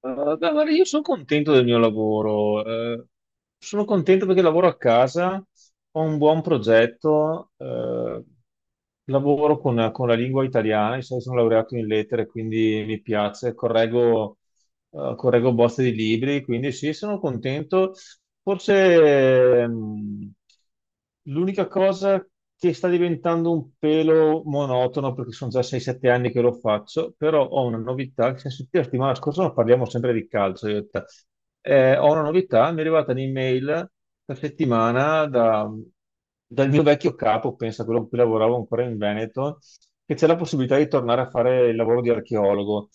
Eh, beh, guarda, io sono contento del mio lavoro, sono contento perché lavoro a casa, ho un buon progetto, lavoro con la lingua italiana, io sono laureato in lettere, quindi mi piace, correggo, correggo bozze di libri, quindi sì, sono contento. Forse l'unica cosa che sta diventando un pelo monotono, perché sono già 6-7 anni che lo faccio, però ho una novità, che se sentite la settimana scorsa non parliamo sempre di calcio, io e te. Ho una novità, mi è arrivata un'email questa settimana dal mio vecchio capo, pensa quello con cui lavoravo ancora in Veneto, che c'è la possibilità di tornare a fare il lavoro di archeologo.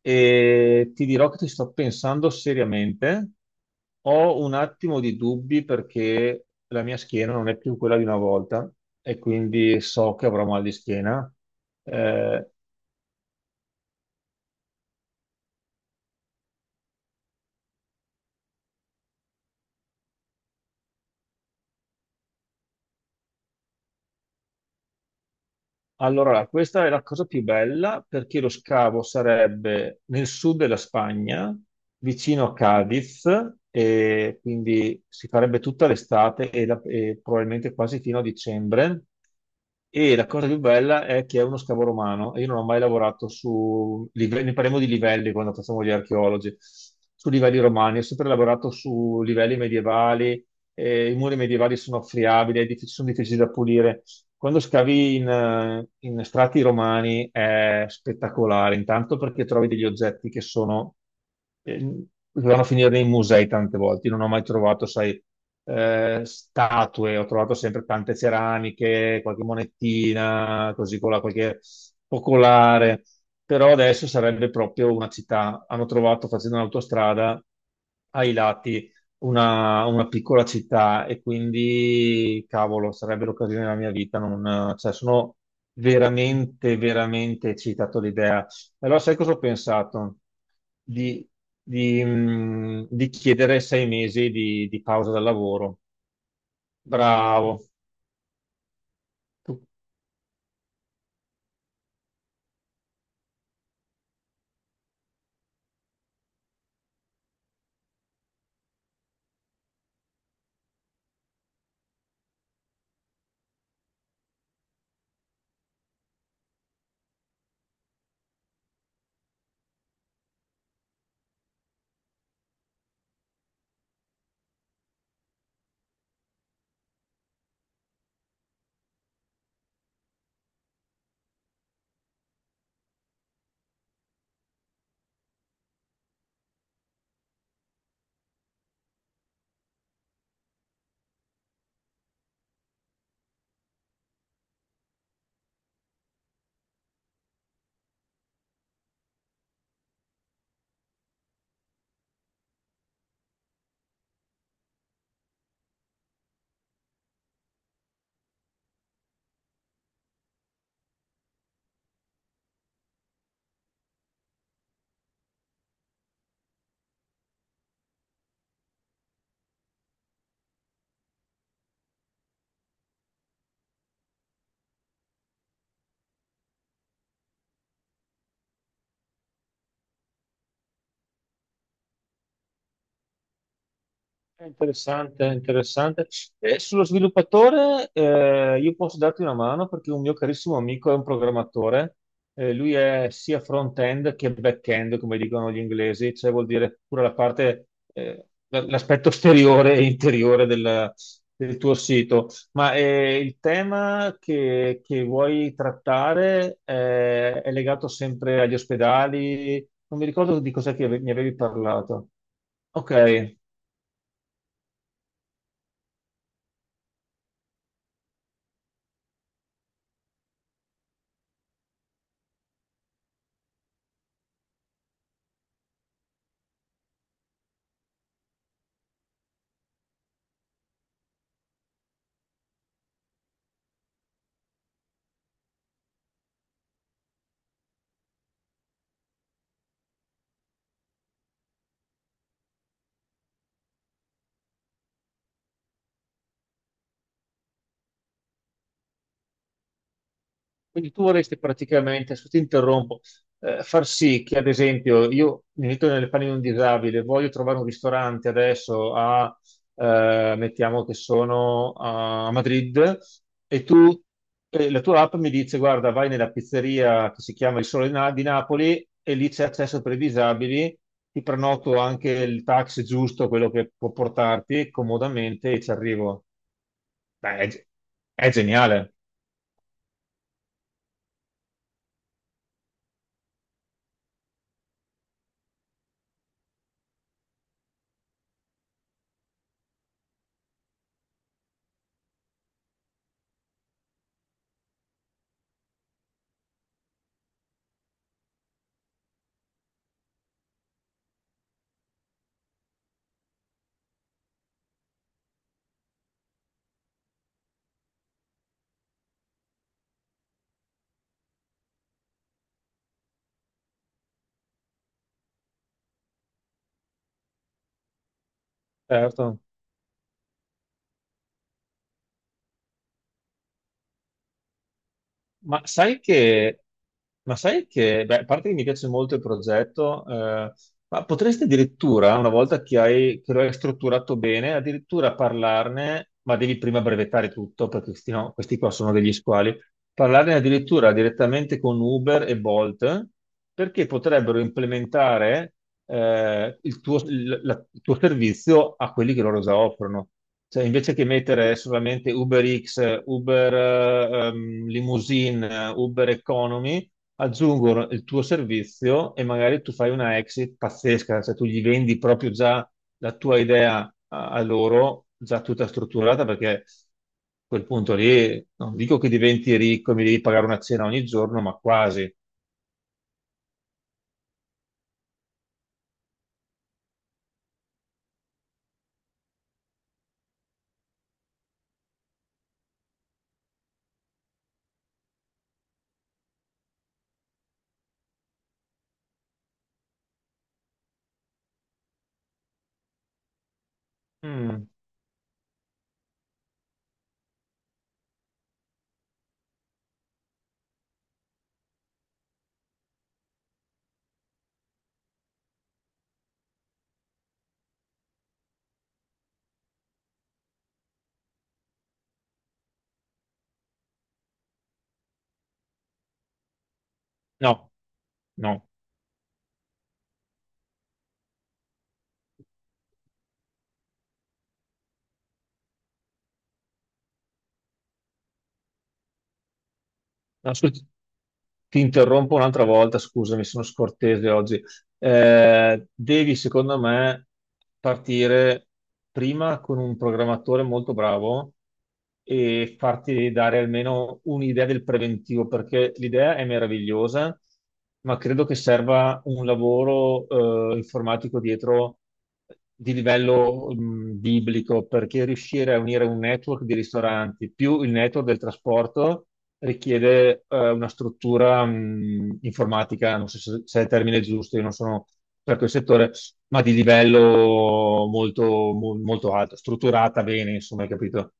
E ti dirò che ci sto pensando seriamente, ho un attimo di dubbi perché la mia schiena non è più quella di una volta e quindi so che avrò mal di schiena. Eh, Allora, questa è la cosa più bella perché lo scavo sarebbe nel sud della Spagna, vicino a Cadiz, e quindi si farebbe tutta l'estate e probabilmente quasi fino a dicembre. E la cosa più bella è che è uno scavo romano. E io non ho mai lavorato su livelli, ne parliamo di livelli quando facciamo gli archeologi, su livelli romani, ho sempre lavorato su livelli medievali. I muri medievali sono friabili, è sono difficili da pulire. Quando scavi in strati romani è spettacolare, intanto perché trovi degli oggetti che eh, dovevano finire nei musei tante volte. Io non ho mai trovato, sai, statue, ho trovato sempre tante ceramiche, qualche monetina, così con la qualche focolare. Però adesso sarebbe proprio una città. Hanno trovato facendo un'autostrada ai lati una piccola città e quindi, cavolo, sarebbe l'occasione della mia vita. Non, cioè, sono veramente, veramente eccitato all'idea. Allora, sai cosa ho pensato? Di, di di chiedere sei mesi di pausa dal lavoro. Bravo. Tu. È interessante, è interessante. E sullo sviluppatore, io posso darti una mano perché un mio carissimo amico è un programmatore. Lui è sia front-end che back-end, come dicono gli inglesi, cioè vuol dire pure la parte, l'aspetto esteriore e interiore del, del tuo sito. Ma il tema che vuoi trattare è legato sempre agli ospedali. Non mi ricordo di cos'è che mi avevi parlato. Ok. Quindi tu vorresti praticamente, se ti interrompo, far sì che, ad esempio, io mi metto nelle panni di un disabile, voglio trovare un ristorante adesso mettiamo che sono a Madrid, e tu, la tua app mi dice, guarda, vai nella pizzeria che si chiama Il Sole di Napoli e lì c'è accesso per i disabili, ti prenoto anche il taxi giusto, quello che può portarti comodamente e ci arrivo. Beh, è geniale, certo. Ma sai che, ma sai che, beh, a parte che mi piace molto il progetto, ma potresti addirittura, una volta che lo hai strutturato bene, addirittura parlarne, ma devi prima brevettare tutto, perché questi, no, questi qua sono degli squali, parlarne addirittura direttamente con Uber e Bolt, perché potrebbero implementare il tuo servizio a quelli che loro già offrono. Cioè, invece che mettere solamente Uber X, Uber Limousine, Uber Economy, aggiungono il tuo servizio e magari tu fai una exit pazzesca, cioè tu gli vendi proprio già la tua idea a loro, già tutta strutturata, perché a quel punto lì non dico che diventi ricco e mi devi pagare una cena ogni giorno, ma quasi. Mm, no, no, assolut- Ti interrompo un'altra volta, scusami, sono scortese oggi. Devi, secondo me, partire prima con un programmatore molto bravo e farti dare almeno un'idea del preventivo, perché l'idea è meravigliosa, ma credo che serva un lavoro, informatico dietro di livello, biblico, perché riuscire a unire un network di ristoranti più il network del trasporto richiede una struttura informatica, non so se è il termine giusto, io non sono per quel settore, ma di livello molto alto, strutturata bene, insomma, hai capito?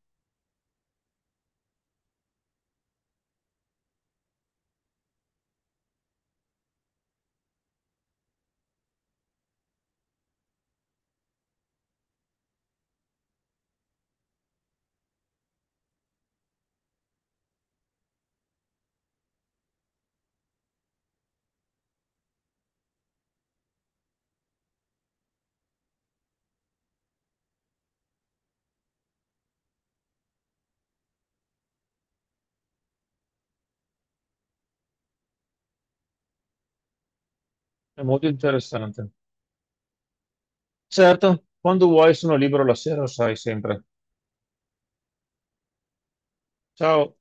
È molto interessante. Certo, quando vuoi sono libero la sera, lo sai sempre. Ciao.